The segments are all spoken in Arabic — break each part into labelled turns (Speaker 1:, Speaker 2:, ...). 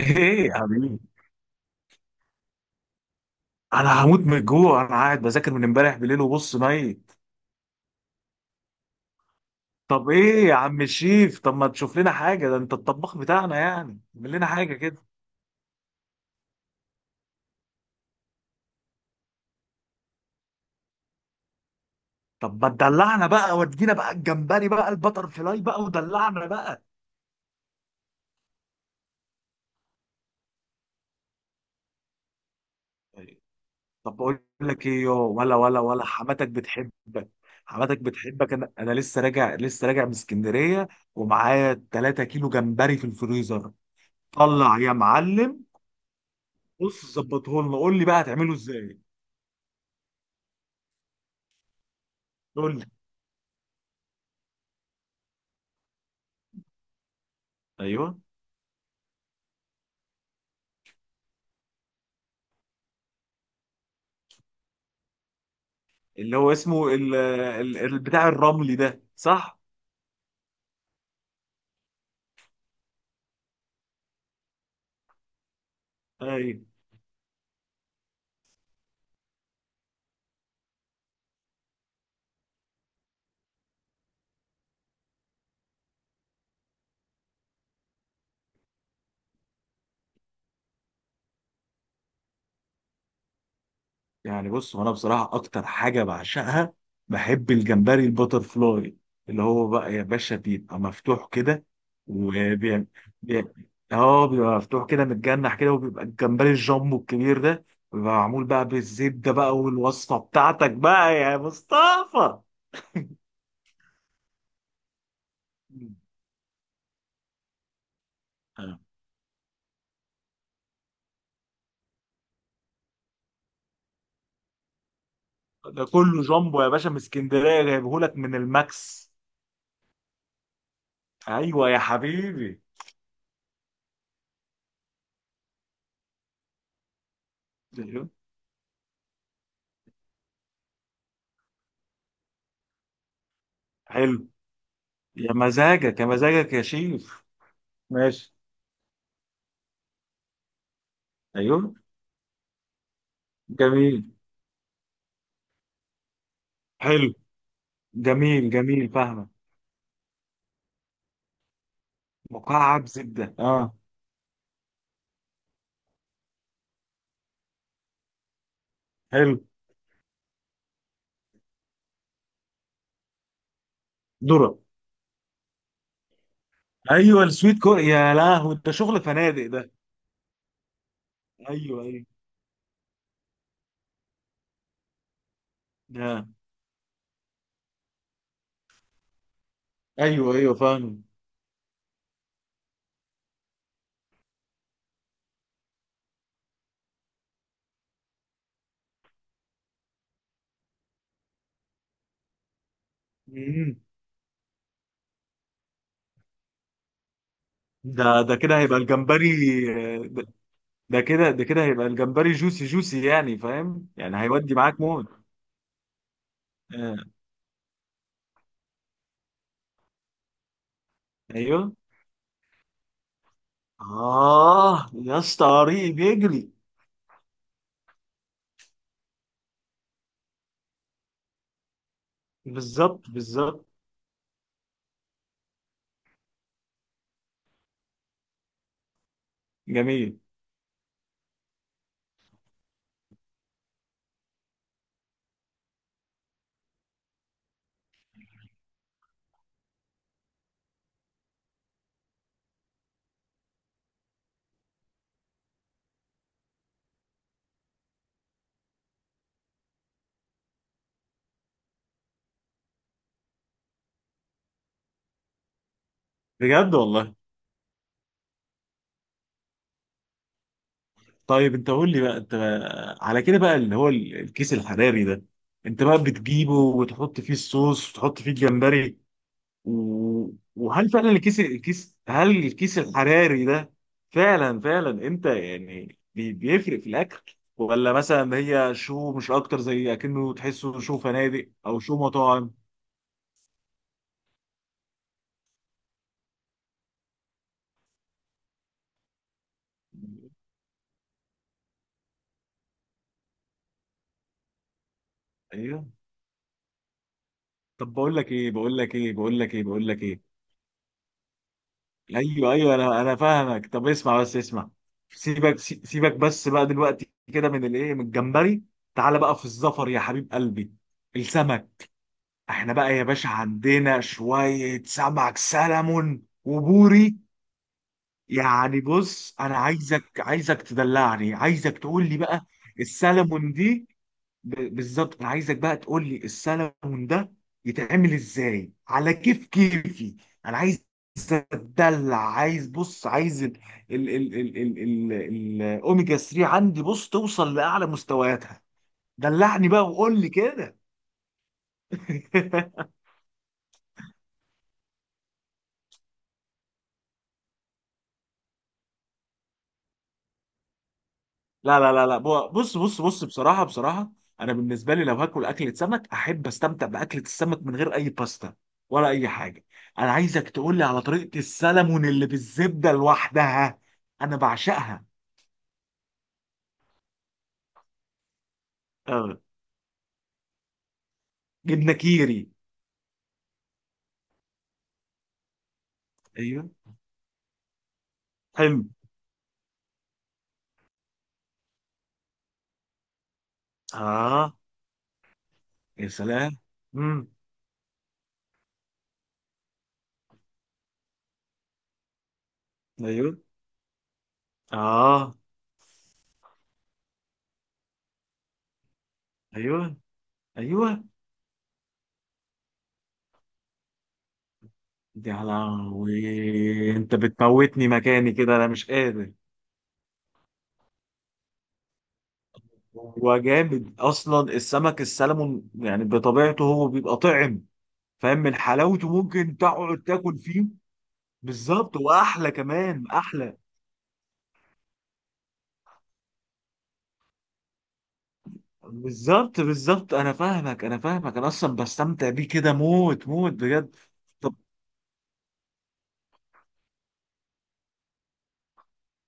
Speaker 1: ايه يا حبيبي؟ انا هموت من الجوع، انا قاعد بذاكر من امبارح بالليل وبص ميت. طب ايه يا عم الشيف؟ طب ما تشوف لنا حاجه، ده انت الطباخ بتاعنا يعني. اعمل لنا حاجه كده. طب ما تدلعنا بقى، ودينا بقى الجمبري بقى، البتر فلاي بقى ودلعنا بقى. طيب. طب بقول لك ايه يو، ولا حماتك بتحبك، حماتك بتحبك، انا لسه راجع من اسكندريه، ومعايا 3 كيلو جمبري في الفريزر. طلع يا معلم. بص ظبطه لنا، قول لي بقى هتعمله ازاي؟ قول لي. ايوه. اللي هو اسمه بتاع الرملي ده، صح؟ ايوه. يعني بص، وانا بصراحه اكتر حاجه بعشقها، بحب الجمبري البتر فلاي، اللي هو بقى يا باشا بيبقى مفتوح كده وبيعمل. اه، بيبقى مفتوح كده متجنح كده، وبيبقى الجمبري الجامبو الكبير ده بيبقى معمول بقى بالزبده بقى، والوصفه بتاعتك بقى يا مصطفى. آه. ده كله جامبو يا باشا، من اسكندريه جايبهولك من الماكس. ايوه يا حبيبي. ايوه. حلو. يا مزاجك يا مزاجك يا شيف. ماشي. ايوه. جميل. حلو. جميل جميل، فاهمة. مكعب زبدة، اه. حلو. ذرة. ايوه، السويت كور، يا لهوي ده شغل فنادق ده. ايوه، ايوه. ده. ايوه ايوه فاهم. مم. ده كده هيبقى الجمبري ده. ده كده هيبقى الجمبري جوسي جوسي يعني، فاهم يعني، هيودي معاك موت. آه. ايوه. اه يا اسطى، طريق بيجري. بالظبط بالظبط. جميل. بجد والله. طيب انت قول لي بقى، انت على كده بقى اللي هو الكيس الحراري ده، انت بقى بتجيبه وتحط فيه الصوص وتحط فيه الجمبري و... وهل فعلا الكيس الكيس هل الكيس الحراري ده فعلا فعلا، انت يعني بيفرق في الاكل، ولا مثلا هي شو مش اكتر، زي اكنه تحسه شو فنادق او شو مطاعم؟ ايوه. طب بقول لك ايه. ايوه ايوه، انا فاهمك. طب اسمع، بس اسمع. سيبك بس بقى دلوقتي كده، من الايه، من الجمبري، تعالى بقى في الزفر يا حبيب قلبي. السمك. احنا بقى يا باشا عندنا شوية سمك سلمون وبوري. يعني بص، انا عايزك تدلعني، عايزك تقول لي بقى السلمون دي، بالظبط. انا عايزك بقى تقول لي السلمون ده يتعمل ازاي على كيف كيفي. انا عايز اتدلع، عايز بص، عايز الاوميجا 3 عندي بص توصل لاعلى مستوياتها. دلعني بقى وقول لي كده. لا لا لا لا، بص بص بص، بصراحة بصراحة، أنا بالنسبة لي لو هاكل أكلة سمك أحب أستمتع بأكلة السمك من غير أي باستا ولا أي حاجة. أنا عايزك تقول لي على طريقة السلمون اللي بالزبدة لوحدها، أنا بعشقها. أه. جبنة كيري. أيوه. حلو. آه. يا سلام. امم. أيوه. آه. أيوه. أيوه. دي على، أنت بتموتني مكاني كده، أنا مش قادر. هو جامد اصلا السمك السلمون، يعني بطبيعته هو بيبقى طعم، فاهم؟ من حلاوته ممكن تقعد تاكل فيه. بالظبط، واحلى كمان احلى. بالظبط بالظبط، انا فاهمك انا فاهمك، انا اصلا بستمتع بيه كده موت موت بجد. طب.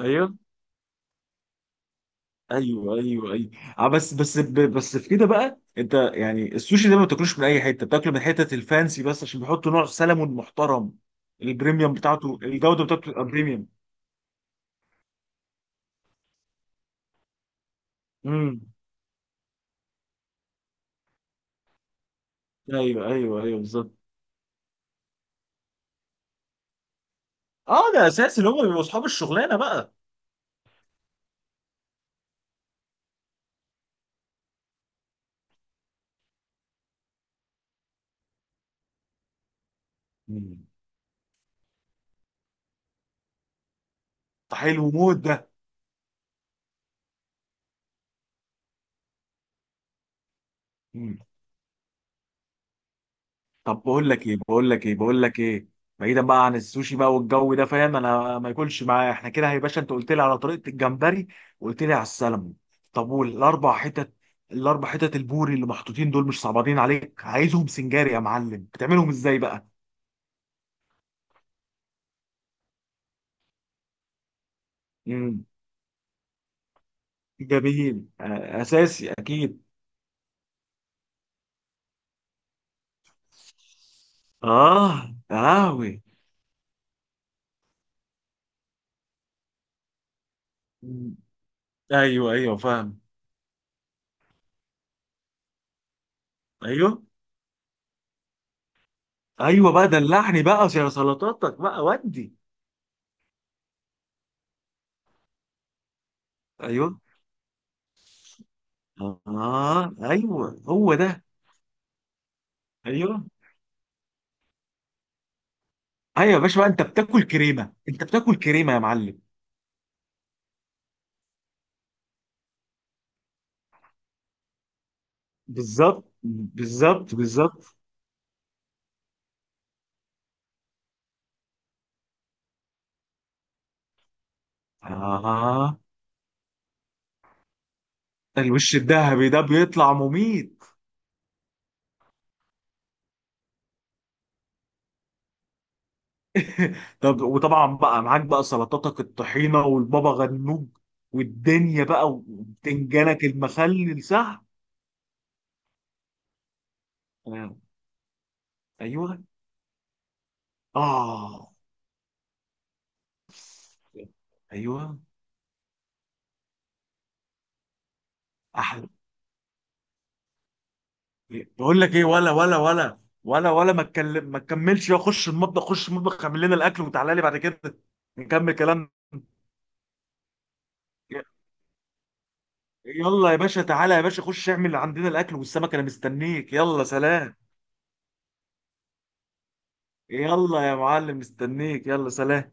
Speaker 1: ايوه ايوه ايوه ايوه. آه، بس في كده بقى، انت يعني السوشي ده ما بتاكلوش من اي حته، بتاكله من حتة الفانسي بس، عشان بيحطوا نوع سلمون محترم، البريميوم بتاعته، الجوده بتاعته بتبقى بريميوم. ايوه ايوه ايوه، بالظبط. اه ده اساسي، اللي هم بيبقوا اصحاب الشغلانه بقى. مم. طب حلو موت ده. مم. طب بقول لك ايه، بعيدا بقى عن السوشي بقى والجو ده، فاهم؟ انا ما ياكلش معايا احنا كده. يا باشا انت قلت لي على طريقه الجمبري، وقلت لي على السلمون، طب والاربع حتت؟ الاربع حتت البوري اللي محطوطين دول، مش صعبانين عليك؟ عايزهم سنجاري يا معلم، بتعملهم ازاي بقى؟ امم. جميل. آه، اساسي اكيد. اه قهوي. ايوه ايوه فاهم. ايوه ايوه بقى، دلعني بقى يا سلطاتك بقى ودي. ايوه. اه ايوه، هو ده. ايوه ايوه يا باشا بقى، انت بتاكل كريمه، انت بتاكل كريمه يا معلم. بالظبط بالظبط بالظبط. اه، الوش الذهبي ده بيطلع مميت. طب وطبعا بقى معاك بقى سلطاتك الطحينه والبابا غنوج والدنيا بقى، وبتنجانك المخلل، صح؟ آه. ايوه. اه. ايوه. احلى. بقول لك ايه، ولا ما اتكلم، ما تكملش يا، خش المطبخ خش المطبخ، اعمل لنا الاكل وتعالى لي بعد كده نكمل كلامنا. ي- يلا يا باشا، تعالى يا باشا، خش اعمل عندنا الاكل والسمك، انا مستنيك، يلا سلام. يلا يا معلم، مستنيك، يلا سلام.